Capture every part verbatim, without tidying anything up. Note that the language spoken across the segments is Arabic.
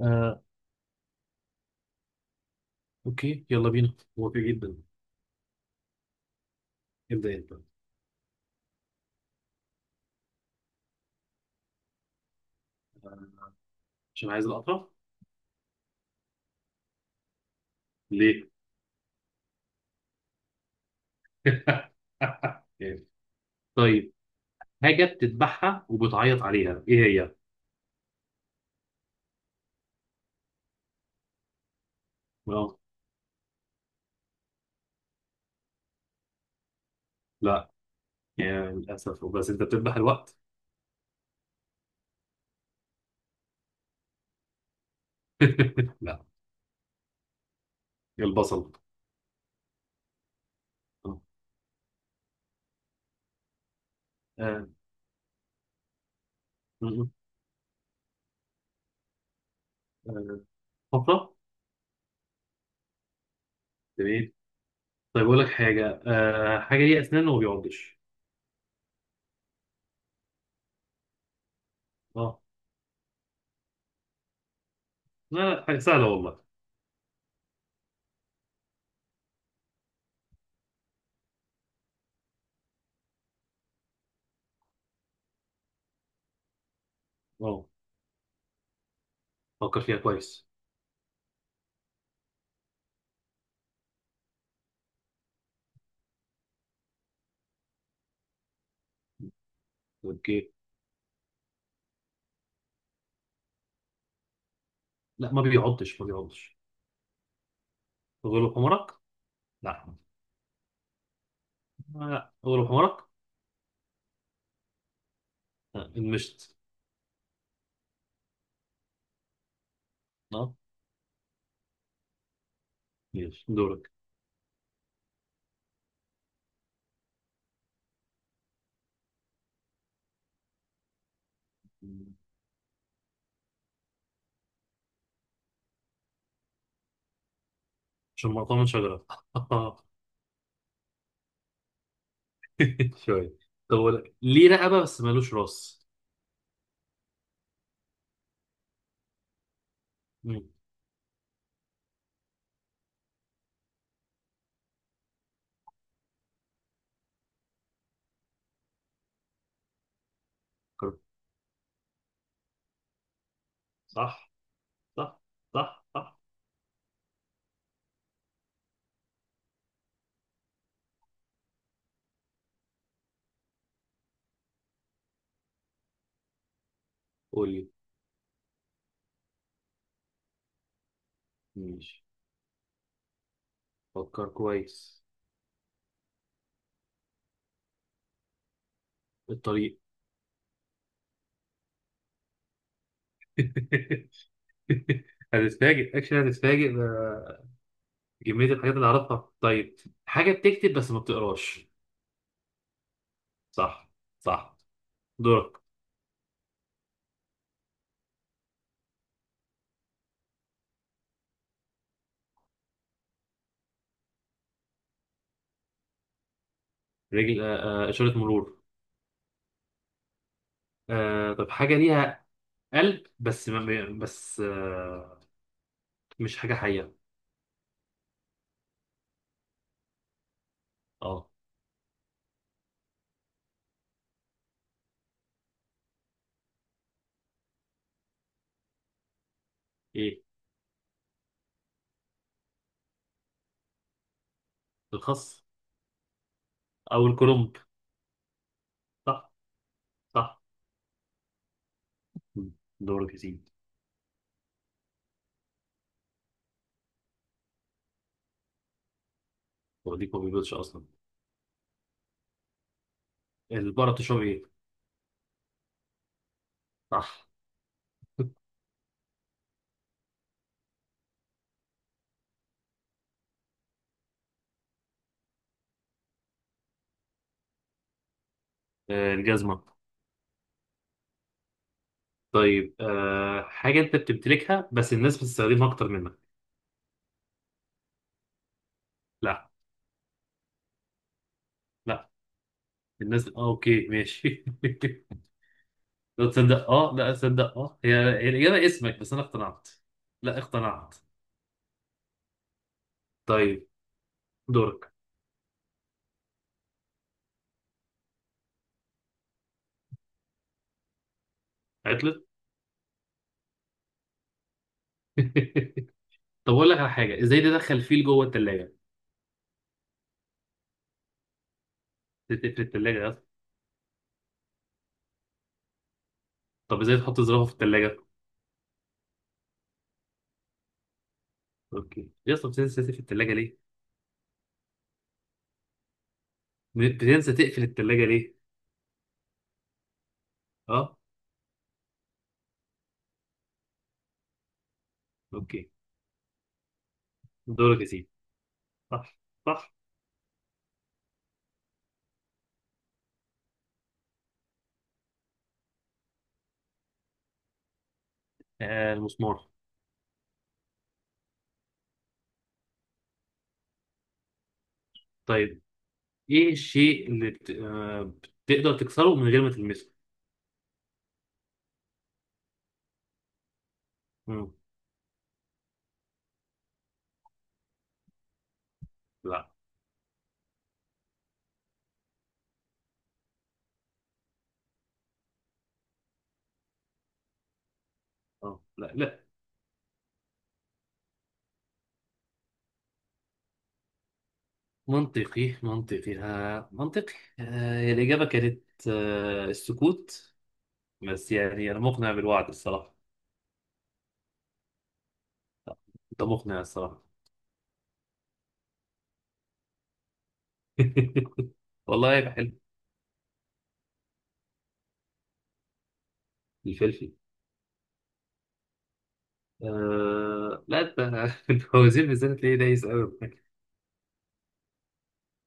آه، اوكي يلا بينا، موافق جدا. ابدا انت. آه، عشان عايز القطع. ليه؟ إيه. طيب، حاجه بتذبحها وبتعيط عليها ايه هي؟ آه، لا، يعني للاسف بس انت بتذبح الوقت. لا، البصل. آه، آه، م- م. آه، حفره. تمام. طيب اقول لك حاجه، آه، حاجه ليها اسنان وما بيعضش. اه لا لا، حاجه سهله والله. اه، فكر فيها كويس. اوكي. لا، ما بيعضش ما بيعضش. غلو حمرك. لا، لا أول حمارك. آه، المشت. اه. ماشي دورك. عشان مقطوع من شجرة. شوية. طب ولا ليه رقبة بس مالوش راس؟ مم. فكر. صح صح صح صح. قول لي. ماشي، فكر كويس. الطريق. هتتفاجئ اكشن، هتتفاجئ ده كمية الحاجات اللي اعرفها. طيب، حاجة بتكتب بس ما بتقراش. صح صح. دورك. رجل، آه، آه، إشارة مرور. آه، طب حاجة ليها قلب بس ما بس آه، مش حاجة حية. اه. ايه الخس او الكرنب. صح صح. دورك يا سيدي. وديك ما بيبيضش اصلا. البقرة بتشرب ايه؟ صح. آه، الجزمة. طيب، آه، حاجة انت بتمتلكها بس الناس بتستخدمها اكتر منك. لا. لا، الناس. اه اوكي ماشي. لا تصدق، اه لا تصدق، اه هي هي الإجابة اسمك، بس انا اقتنعت. لا اقتنعت. طيب. دورك. عطلت. طب اقول لك على حاجه، ازاي تدخل فيل جوه الثلاجه؟ تقفل الثلاجه يا اسطى. طب ازاي تحط زرافه في الثلاجه؟ اوكي يا اسطى، بتنسى تقفل الثلاجه ليه؟ بتنسى تقفل الثلاجه ليه؟ اه. اوكي. دورك يا سيدي. صح صح. آه المسمار. طيب، ايه الشيء اللي بت... آه بتقدر تكسره من غير ما تلمسه. مم. لا اه لا لا. منطقي منطقي، آه منطقي. آه، هي الاجابه كانت آه السكوت. بس يعني انا مقنع بالوعد الصراحه. انت مقنع الصراحه. والله يبقى حلو. الفلفل. آه لا انت، الفوازير بالذات تلاقيه دايس قوي.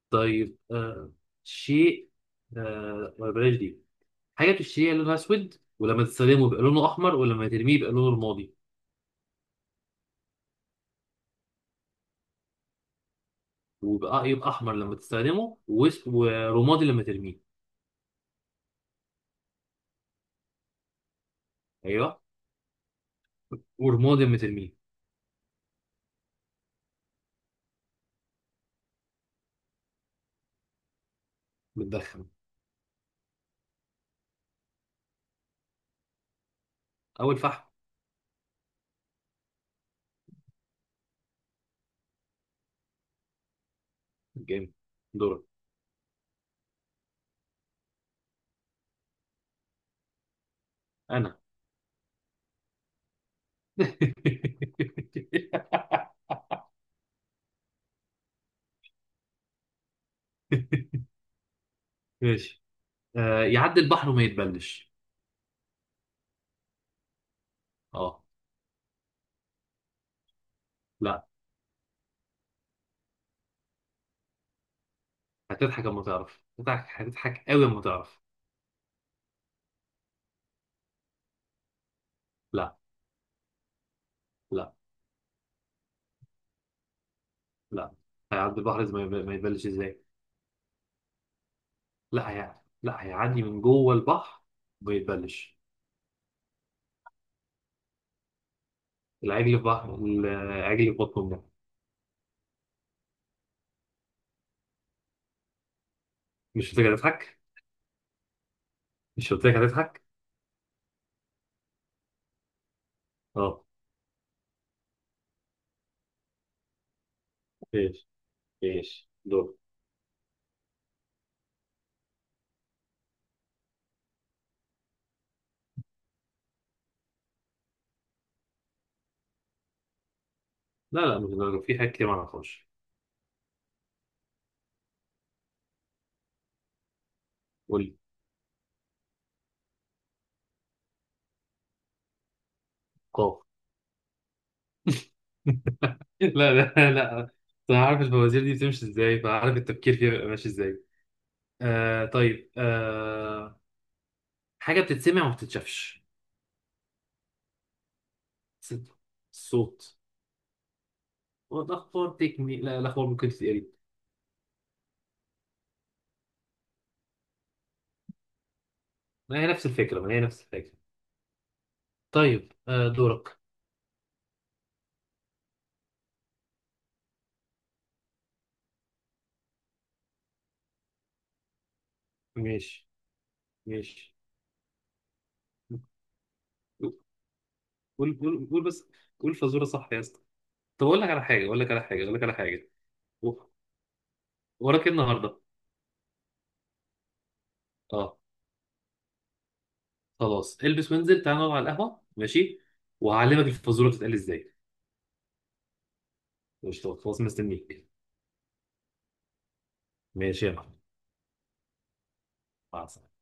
طيب، آه، شيء، آه ما بلاش دي. حاجه بتشتريها لونها اسود، ولما تستخدمه يبقى لونه احمر، ولما ترميه يبقى لونه رمادي. ويبقى يبقى احمر لما تستخدمه، وأس- ورمادي لما ترميه. ايوه. ورمادي لما ترميه. بتدخن. اول فحم. جامد. دورك. انا. ماشي. آه يعدي البحر وما يتبلش. اه لا، هتضحك اما تعرف، هتضحك هتضحك قوي اما تعرف. لا لا لا. هيعدي البحر زي ما يب- ما يتبلش ازاي. لا هي، لا هيعدي من جوه البحر وما يتبلش. العجل في بحر، العجل في بطن امه. مش قلت لك هتضحك؟ مش قلت لك هتضحك؟ اه ايش، ايش دول. لا لا مش دول، في حاجات كتير ما اعرفهاش. قول لي. قاف. لا لا لا. انا عارف الفوازير دي بتمشي ازاي، فعارف التفكير فيها بيبقى ماشي ازاي. آه طيب، آه حاجه بتتسمع وما بتتشافش. ستة. الصوت. والأخبار تكمل، لا الأخبار ممكن تتقري. ما هي نفس الفكرة، ما هي نفس الفكرة. طيب، آه دورك. ماشي ماشي. قول قول قول بس، قول فزورة صح يا اسطى. طب أقول لك على حاجة، أقول لك على حاجة، أقول لك على حاجة. و- وراك إيه النهاردة؟ أه. خلاص البس وانزل تعال نقعد على القهوة ماشي، وهعلمك الفزورة بتتقال إزاي. مش خلاص مستنيك. ماشي يا محمد. مع السلامة.